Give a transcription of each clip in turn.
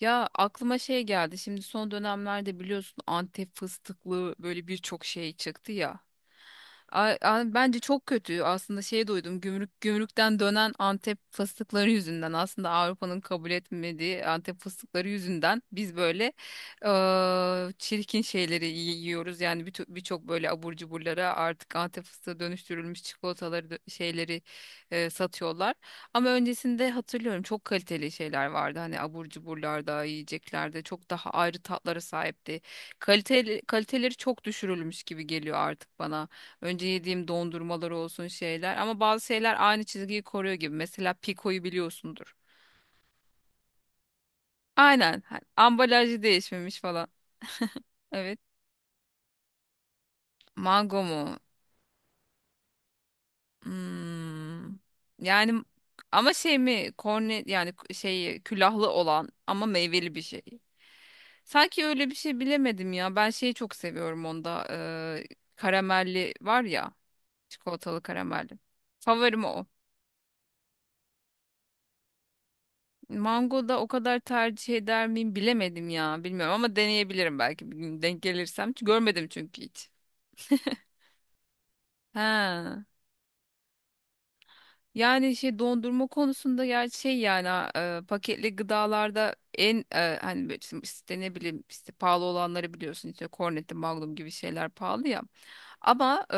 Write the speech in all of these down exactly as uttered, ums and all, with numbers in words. Ya aklıma şey geldi. Şimdi son dönemlerde biliyorsun Antep fıstıklı böyle birçok şey çıktı ya. A- a- Bence çok kötü. Aslında şey duydum. Gümrük gümrükten dönen Antep fıstıkları yüzünden, aslında Avrupa'nın kabul etmediği Antep fıstıkları yüzünden biz böyle eee, çirkin şeyleri yi- yiyoruz. Yani birço- birçok böyle abur cuburlara artık Antep fıstığı dönüştürülmüş çikolataları da- şeyleri eee, satıyorlar. Ama öncesinde hatırlıyorum, çok kaliteli şeyler vardı. Hani abur cuburlarda, yiyeceklerde çok daha ayrı tatlara sahipti. Kaliteli, kaliteleri çok düşürülmüş gibi geliyor artık bana. Önce yediğim dondurmalar olsun şeyler, ama bazı şeyler aynı çizgiyi koruyor gibi. Mesela Pico'yu biliyorsundur. Aynen. ha- Ambalajı değişmemiş falan. Evet. Mango mu? Hmm. Yani ama şey mi, korne yani, k- şey külahlı olan ama meyveli bir şey. Sanki öyle bir şey, bilemedim ya. Ben şeyi çok seviyorum onda. Eee, karamelli var ya. Çikolatalı karamelli. Favorim o. Mango da o kadar tercih eder miyim, bilemedim ya. Bilmiyorum, ama deneyebilirim belki bir gün denk gelirsem. Hiç görmedim çünkü hiç. He. Yani şey, dondurma konusunda ya şey yani ha, e, paketli gıdalarda en e, hani böyle işte işte ne bileyim işte, pahalı olanları biliyorsun işte, Cornetto, Magnum gibi şeyler pahalı ya. Ama e,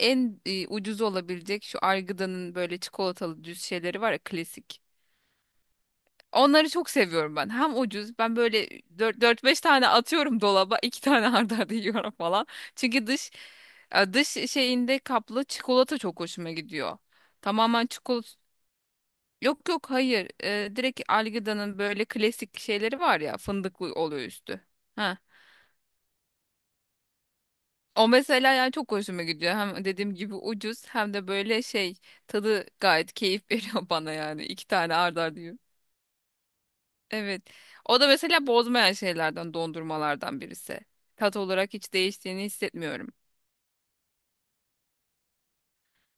en e, ucuz olabilecek şu Argıda'nın böyle çikolatalı düz şeyleri var ya, klasik. Onları çok seviyorum ben. Hem ucuz, ben böyle dört beş tane atıyorum dolaba, iki tane arda arda yiyorum falan. Çünkü dış e, dış şeyinde kaplı çikolata çok hoşuma gidiyor. Tamamen çikolata. Yok yok, hayır. Ee, direkt Algida'nın böyle klasik şeyleri var ya, fındıklı oluyor üstü. Ha. O mesela yani çok hoşuma gidiyor. Hem dediğim gibi ucuz, hem de böyle şey, tadı gayet keyif veriyor bana yani. İki tane ard arda yiyorum. Evet. O da mesela bozmayan şeylerden, dondurmalardan birisi. Tat olarak hiç değiştiğini hissetmiyorum.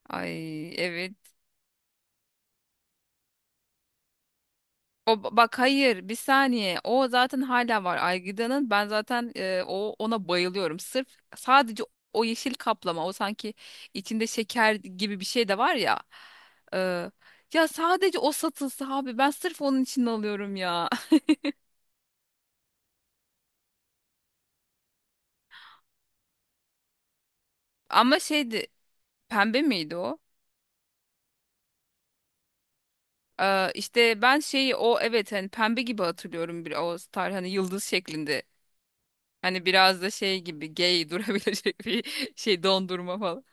Ay evet. O ba- bak hayır, bir saniye, o zaten hala var Aygıda'nın, ben zaten e, o, ona bayılıyorum sırf, sadece o yeşil kaplama, o sanki içinde şeker gibi bir şey de var ya. E, ya sadece o satılsa abi, ben sırf onun için alıyorum ya. Ama şeydi, pembe miydi o? e, işte ben şeyi o, evet hani pembe gibi hatırlıyorum bir, o star hani yıldız şeklinde, hani biraz da şey gibi gay durabilecek bir şey dondurma falan.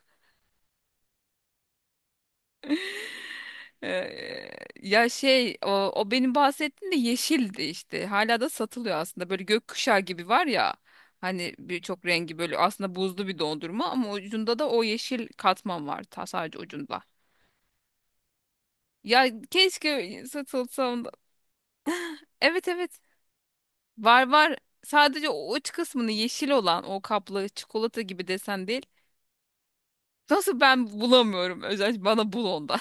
Ee, ya şey, o, o benim bahsettiğim de yeşildi işte. Hala da satılıyor aslında. Böyle gökkuşağı gibi var ya. Hani birçok rengi böyle, aslında buzlu bir dondurma ama ucunda da o yeşil katman var. Ta sadece ucunda. Ya keşke satılsa onda. Evet, evet. Var var. Sadece o uç kısmını yeşil olan, o kaplı çikolata gibi desen değil. Nasıl ben bulamıyorum? Özellikle bana bul onda.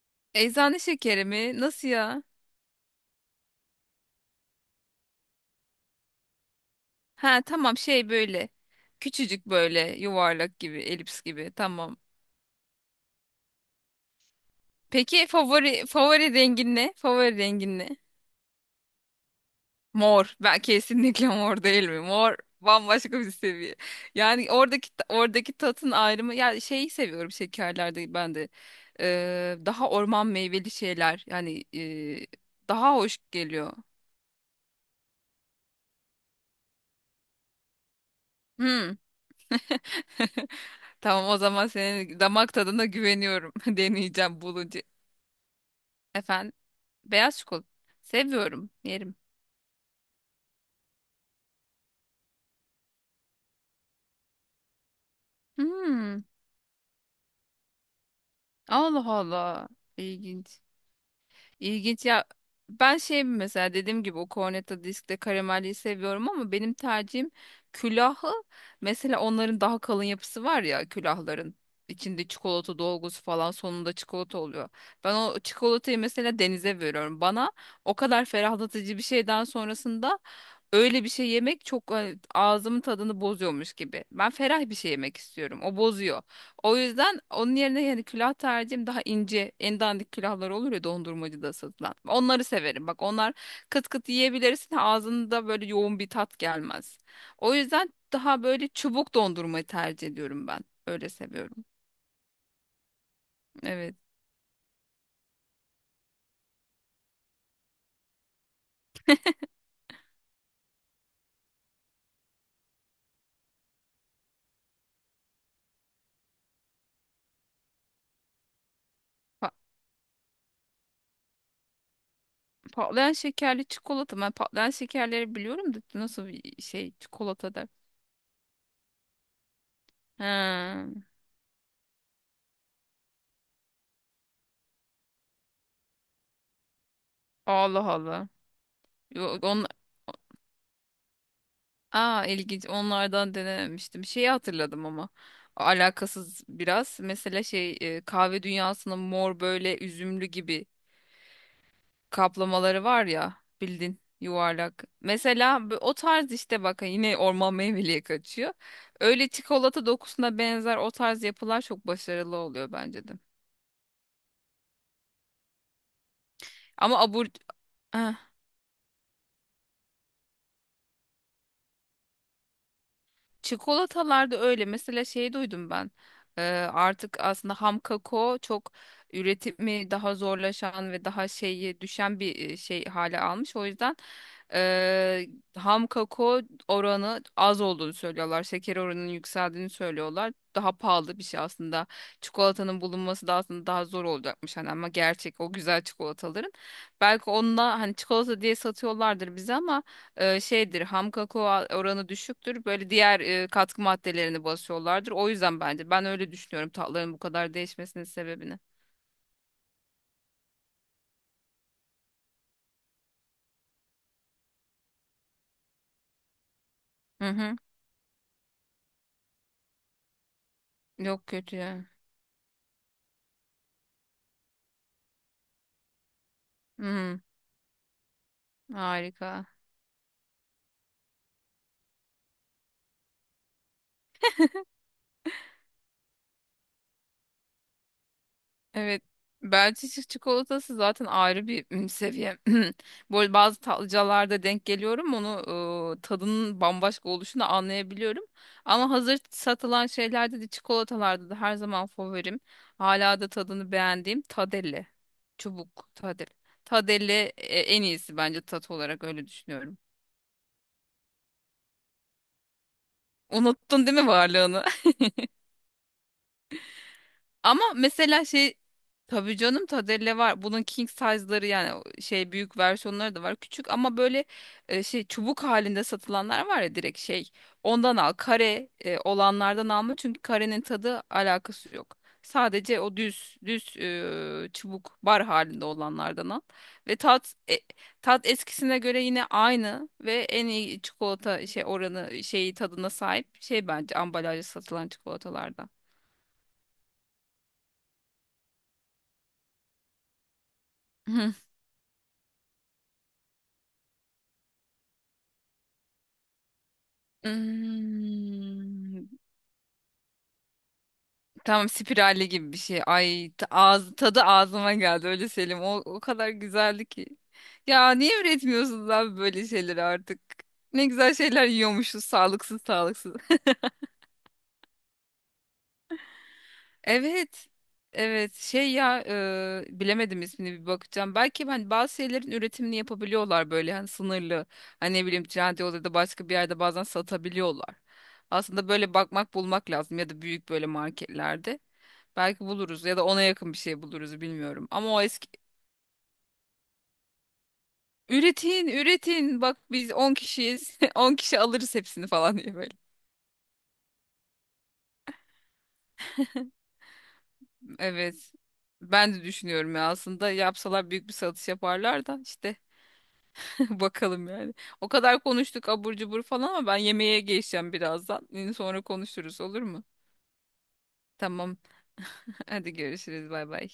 Eczane şekeri mi? Nasıl ya? Ha tamam, şey böyle. Küçücük böyle yuvarlak gibi, elips gibi. Tamam. Peki favori, favori rengin ne? Favori rengin ne? Mor. Ben kesinlikle mor, değil mi? Mor bambaşka bir seviye. Yani oradaki oradaki tatın ayrımı, yani şeyi seviyorum şekerlerde ben de. Ee, daha orman meyveli şeyler. Yani e, daha hoş geliyor. Hmm. Tamam, o zaman senin damak tadına güveniyorum. Deneyeceğim bulunca. Efendim? Beyaz çikolata. Seviyorum. Yerim. Hmm. Allah Allah. İlginç. İlginç ya. Ben şey mesela, dediğim gibi o Cornetto Disk'te karamelliyi seviyorum, ama benim tercihim külahı. Mesela onların daha kalın yapısı var ya, külahların. İçinde çikolata dolgusu falan, sonunda çikolata oluyor. Ben o çikolatayı mesela denize veriyorum. Bana o kadar ferahlatıcı bir şeyden sonrasında öyle bir şey yemek çok e, ağzımın tadını bozuyormuş gibi. Ben ferah bir şey yemek istiyorum. O bozuyor. O yüzden onun yerine yani külah tercihim daha ince, en dandik külahlar olur ya dondurmacıda satılan. Onları severim. Bak onlar kıt kıt yiyebilirsin. Ağzında böyle yoğun bir tat gelmez. O yüzden daha böyle çubuk dondurmayı tercih ediyorum ben. Öyle seviyorum. Evet. Pa- Patlayan şekerli çikolata. Ben patlayan şekerleri biliyorum da, nasıl bir şey çikolata der. He. Allah Allah. Yo, onlar. Aa ilginç, onlardan denememiştim. Şeyi hatırladım ama alakasız biraz. Mesela şey, e, kahve dünyasının mor böyle üzümlü gibi kaplamaları var ya, bildin, yuvarlak. Mesela bu- o tarz işte, bak hani yine orman meyveliye kaçıyor. Öyle çikolata dokusuna benzer o tarz yapılar çok başarılı oluyor bence de. Ama abur... Çikolatalarda öyle. Mesela şey duydum ben. Ee, artık aslında ham kakao çok, üretimi daha zorlaşan ve daha şeyi düşen bir e, şey hale almış. O yüzden e, ham kakao oranı az olduğunu söylüyorlar. Şeker oranının yükseldiğini söylüyorlar. Daha pahalı bir şey aslında. Çikolatanın bulunması da aslında daha zor olacakmış hani, ama gerçek o güzel çikolataların. Belki onunla hani çikolata diye satıyorlardır bize, ama e, şeydir, ham kakao oranı düşüktür. Böyle diğer e, katkı maddelerini basıyorlardır. O yüzden bence, ben öyle düşünüyorum tatların bu kadar değişmesinin sebebini. Hı hı. Yok, kötü ya. Hı hı. Harika. Evet. Belçika çikolatası zaten ayrı bir ım, seviye. Böyle bazı tatlıcılarda denk geliyorum. Onu ıı, tadının bambaşka oluşunu anlayabiliyorum. Ama hazır satılan şeylerde de, çikolatalarda da her zaman favorim, Hala da tadını beğendiğim Tadelle. Çubuk Tadel. Tadelle e, en iyisi bence tat olarak, öyle düşünüyorum. Unuttun değil mi varlığını? Ama mesela şey, tabii canım Tadelle var. Bunun king size'ları yani o şey büyük versiyonları da var. Küçük ama böyle e, şey çubuk halinde satılanlar var ya, direkt şey. Ondan al. Kare e, olanlardan alma, çünkü karenin tadı alakası yok. Sadece o düz düz e, çubuk bar halinde olanlardan al. Ve tat e, tat eskisine göre yine aynı ve en iyi çikolata şey oranı, şeyi tadına sahip şey bence, ambalajda satılan çikolatalardan. Hmm, tamam, spiralli gibi bir şey. Ay ta- ağzı tadı ağzıma geldi öyle Selim. O, o kadar güzeldi ki. Ya niye üretmiyorsunuz abi böyle şeyleri artık? Ne güzel şeyler yiyormuşuz, sağlıksız sağlıksız. Evet. Evet şey ya, e, bilemedim ismini, bir bakacağım. Belki hani bazı şeylerin üretimini yapabiliyorlar böyle hani sınırlı. Hani ne bileyim, Trendyol'da ya da başka bir yerde bazen satabiliyorlar. Aslında böyle bakmak bulmak lazım, ya da büyük böyle marketlerde. Belki buluruz ya da ona yakın bir şey buluruz, bilmiyorum. Ama o eski, üretin üretin, bak biz on kişiyiz on kişi alırız hepsini falan diye böyle. Evet, ben de düşünüyorum ya, aslında yapsalar büyük bir satış yaparlar da işte. Bakalım yani. O kadar konuştuk abur cubur falan, ama ben yemeğe geçeceğim birazdan. Yine sonra konuşuruz, olur mu? Tamam. Hadi görüşürüz. Bay bay.